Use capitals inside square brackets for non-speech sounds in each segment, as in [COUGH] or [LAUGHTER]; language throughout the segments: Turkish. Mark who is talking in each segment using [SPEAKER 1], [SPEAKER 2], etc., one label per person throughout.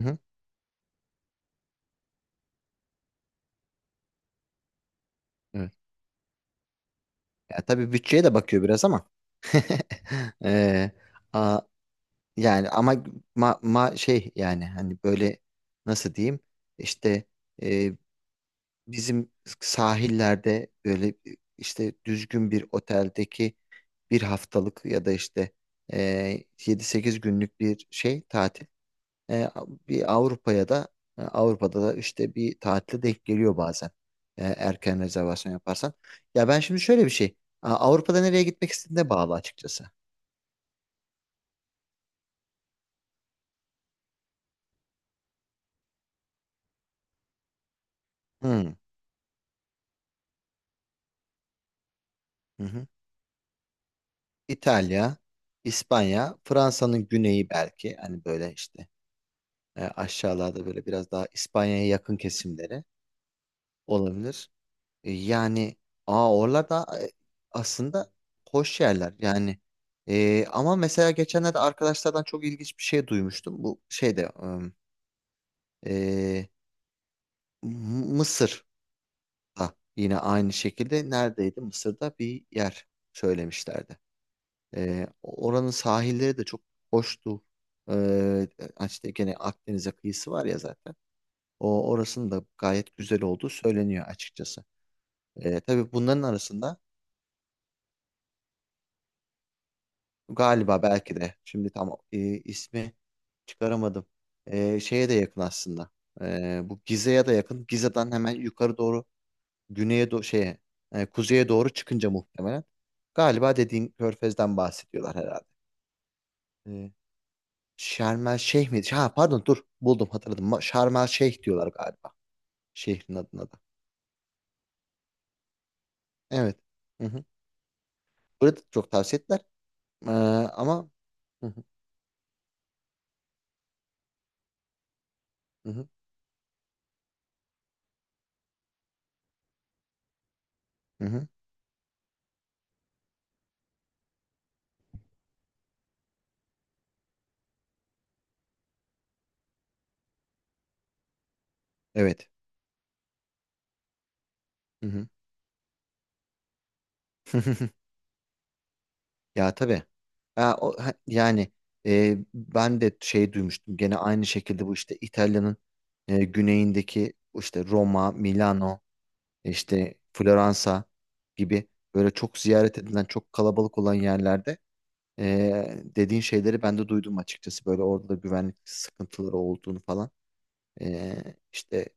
[SPEAKER 1] Hı, evet. Ya tabii bütçeye de bakıyor biraz ama. [LAUGHS] Ee, a- Yani ama şey yani hani böyle nasıl diyeyim işte e, bizim sahillerde böyle işte düzgün bir oteldeki bir haftalık ya da işte e, 7-8 günlük bir şey tatil. E, bir Avrupa'ya da e, Avrupa'da da işte bir tatile denk geliyor bazen. Erken rezervasyon yaparsan. Ya ben şimdi şöyle bir şey. Avrupa'da nereye gitmek istediğine bağlı açıkçası. Hmm. Hı hı. İtalya, İspanya, Fransa'nın güneyi belki hani böyle işte aşağılarda böyle biraz daha İspanya'ya yakın kesimleri olabilir. Yani oralar e, aslında hoş yerler yani. Ama mesela geçenlerde arkadaşlardan çok ilginç bir şey duymuştum. Bu şeyde, e, Mısır'da yine aynı şekilde neredeydi? Mısır'da bir yer söylemişlerdi. Oranın sahilleri de çok hoştu. E, Yani işte gene Akdeniz'e kıyısı var ya zaten. O orasının da gayet güzel olduğu söyleniyor açıkçası. Tabii bunların arasında galiba belki de. Şimdi tam ismi çıkaramadım. Şeye de yakın aslında. Bu Gize'ye de yakın. Gize'den hemen yukarı doğru güneye doğru şeye kuzeye doğru çıkınca muhtemelen. Galiba dediğin Körfez'den bahsediyorlar herhalde. E, Şarm El Şeyh miydi? Ha pardon, dur buldum, hatırladım. Şarm El Şeyh diyorlar galiba. Şehrin adına da. Evet. Hı hı. Burada da çok tavsiye ettiler. E, ama Hı hı, hı hı, hı hı. Evet. Hı hı. [LAUGHS] Ya tabii. Yani ben de şey duymuştum. Gene aynı şekilde bu işte İtalya'nın güneyindeki işte Roma, Milano, işte Floransa gibi böyle çok ziyaret edilen, çok kalabalık olan yerlerde dediğin şeyleri ben de duydum açıkçası. Böyle orada da güvenlik sıkıntıları olduğunu falan. E, işte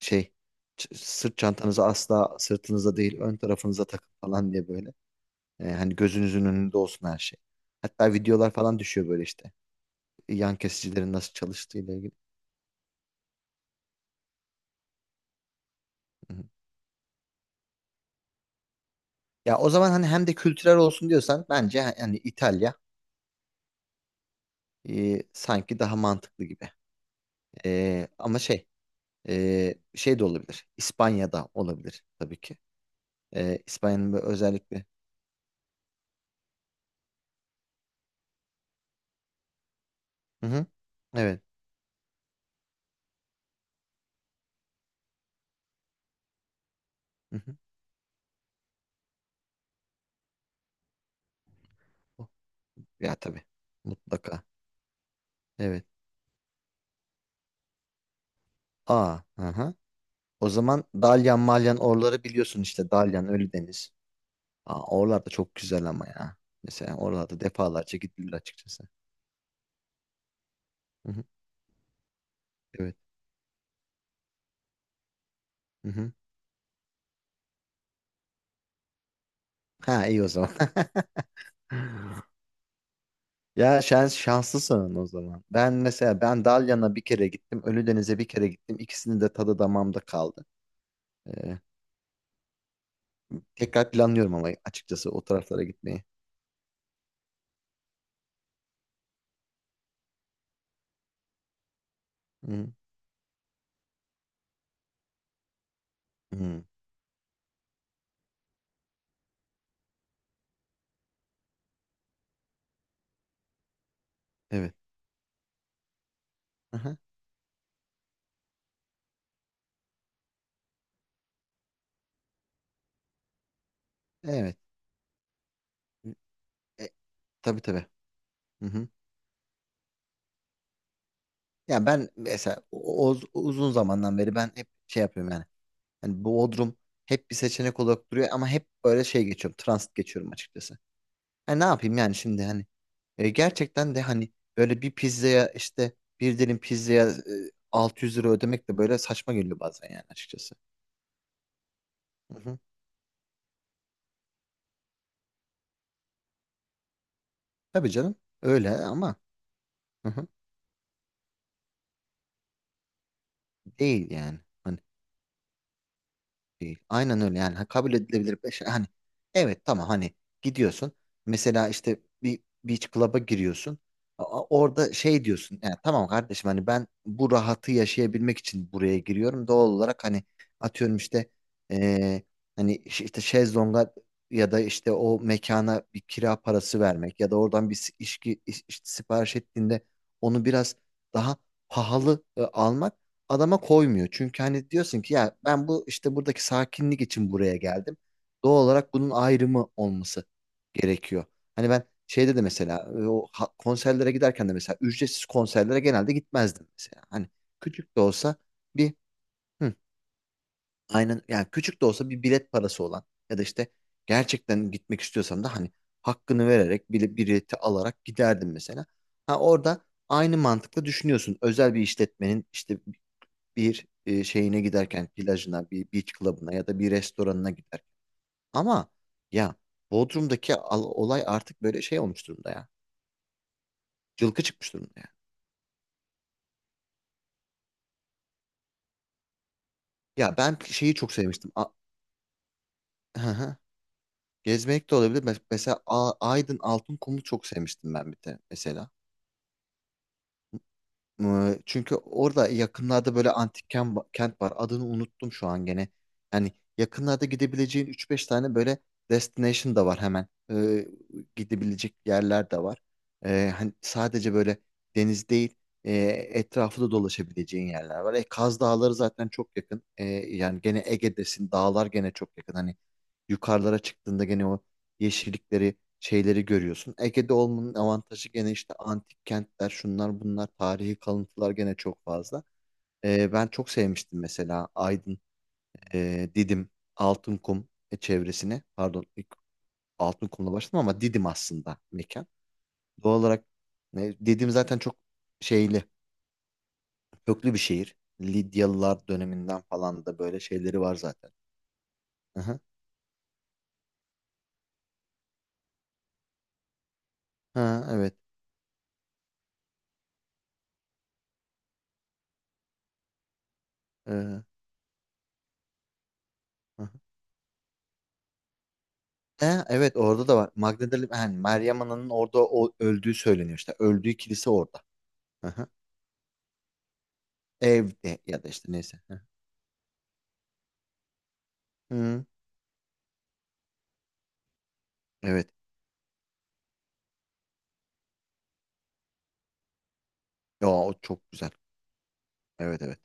[SPEAKER 1] şey, sırt çantanızı asla sırtınıza değil ön tarafınıza takın falan diye böyle. Hani gözünüzün önünde olsun her şey. Hatta videolar falan düşüyor böyle işte. Yan kesicilerin nasıl çalıştığı ile ilgili. Hı hı. Ya o zaman hani hem de kültürel olsun diyorsan bence hani İtalya sanki daha mantıklı gibi. Ama şey, şey de olabilir. İspanya'da olabilir tabii ki. İspanya'nın böyle özellikle. Hı hı. Evet. Hı hı. Oh, ya tabii. Mutlaka. Evet. Aha. O zaman Dalyan Malyan orları biliyorsun işte, Dalyan Ölüdeniz. Oralarda çok güzel ama ya. Mesela oralarda defalarca gidilir açıkçası. Hı hı, evet. Hı hı. Ha, iyi o zaman. [LAUGHS] Ya şanslısın o zaman. Ben mesela ben Dalyan'a bir kere gittim. Ölüdeniz'e bir kere gittim. İkisinin de tadı damağımda kaldı. Ee, Tekrar planlıyorum ama açıkçası o taraflara gitmeyi. Hı hı. Evet. Aha. Evet. E, tabii tabii. Hı hı. Ya ben mesela uzun zamandan beri ben hep şey yapıyorum yani. Hani Bodrum hep bir seçenek olarak duruyor ama hep böyle şey geçiyorum. Transit geçiyorum açıkçası. Hani ne yapayım yani şimdi hani gerçekten de hani böyle bir dilim pizzaya 600 lira ödemek de böyle saçma geliyor bazen yani açıkçası. Hı hı. Tabii canım, öyle ama. Hı hı. Değil yani. Hani değil. Aynen öyle yani. Ha, kabul edilebilir bir şey. Hani evet tamam, hani gidiyorsun. Mesela işte bir beach club'a giriyorsun. Orada şey diyorsun. Yani tamam kardeşim, hani ben bu rahatı yaşayabilmek için buraya giriyorum. Doğal olarak hani atıyorum işte, eee, hani işte şezlonga ya da işte o mekana bir kira parası vermek ya da oradan bir içki işte sipariş ettiğinde onu biraz daha pahalı almak adama koymuyor. Çünkü hani diyorsun ki ya, ben bu işte buradaki sakinlik için buraya geldim. Doğal olarak bunun ayrımı olması gerekiyor. Hani ben şeyde de mesela o konserlere giderken de mesela ücretsiz konserlere genelde gitmezdim mesela. Hani küçük de olsa bir, hı, aynen yani küçük de olsa bir bilet parası olan ya da işte gerçekten gitmek istiyorsan da hani hakkını vererek, bile bileti alarak giderdim mesela. Ha, orada aynı mantıkla düşünüyorsun. Özel bir işletmenin işte bir şeyine giderken, plajına, bir beach club'ına ya da bir restoranına giderken. Ama ya, Bodrum'daki olay artık böyle şey olmuş durumda ya. Cılkı çıkmış durumda ya. Ya ben şeyi çok sevmiştim. [LAUGHS] Hı hı. Gezmek de olabilir. Mesela Aydın Altınkum'u çok sevmiştim ben, bir de mesela. Çünkü orada yakınlarda böyle antik kent var. Adını unuttum şu an, gene. Yani yakınlarda gidebileceğin üç beş tane böyle destination da var hemen. Gidebilecek yerler de var. Hani sadece böyle deniz değil, e, etrafı da dolaşabileceğin yerler var. Kaz Dağları zaten çok yakın. Yani gene Ege'desin, dağlar gene çok yakın. Hani yukarılara çıktığında gene o yeşillikleri, şeyleri görüyorsun. Ege'de olmanın avantajı gene işte antik kentler, şunlar bunlar, tarihi kalıntılar gene çok fazla. Ben çok sevmiştim mesela Aydın, Didim, Altınkum çevresini. Pardon, ilk Altınkum'la başladım ama Didim aslında mekan. Doğal olarak Didim zaten çok şeyli, köklü bir şehir. Lidyalılar döneminden falan da böyle şeyleri var zaten. Aha. Ha, evet. Ee, aha. He, evet orada da var. Magdalena yani Meryem Ana'nın orada öldüğü söyleniyor işte. Öldüğü kilise orada. Hı-hı. Evde ya da işte neyse. Hı-hı. Evet. Ya o çok güzel. Evet evet.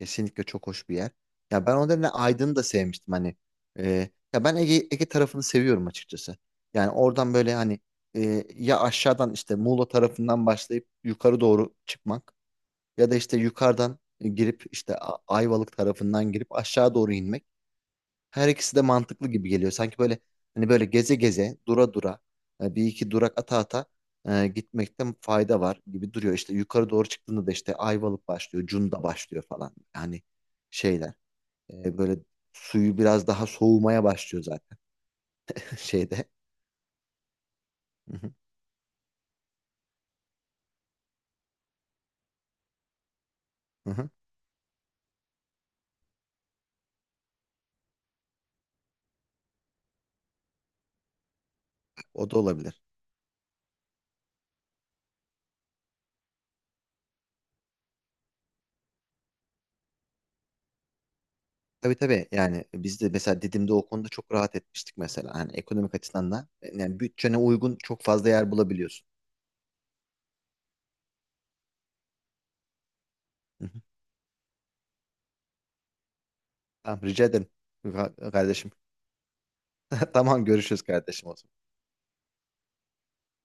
[SPEAKER 1] Kesinlikle çok hoş bir yer. Ya ben o nedenle Aydın'ı da sevmiştim hani. Ya ben Ege tarafını seviyorum açıkçası. Yani oradan böyle hani ya aşağıdan işte Muğla tarafından başlayıp yukarı doğru çıkmak ya da işte yukarıdan girip işte Ayvalık tarafından girip aşağı doğru inmek. Her ikisi de mantıklı gibi geliyor. Sanki böyle hani böyle geze geze, dura dura, bir iki durak ata ata, gitmekte fayda var gibi duruyor. İşte yukarı doğru çıktığında da işte Ayvalık başlıyor, Cunda başlıyor falan. Yani şeyler böyle suyu biraz daha soğumaya başlıyor zaten, [LAUGHS] şeyde. Hı hı, hı hı. O da olabilir. Tabii tabii, yani biz de mesela Didim'de o konuda çok rahat etmiştik mesela. Hani ekonomik açıdan da yani bütçene uygun çok fazla yer bulabiliyorsun. Hı hı. Tamam, rica ederim kardeşim. [LAUGHS] Tamam, görüşürüz kardeşim o zaman.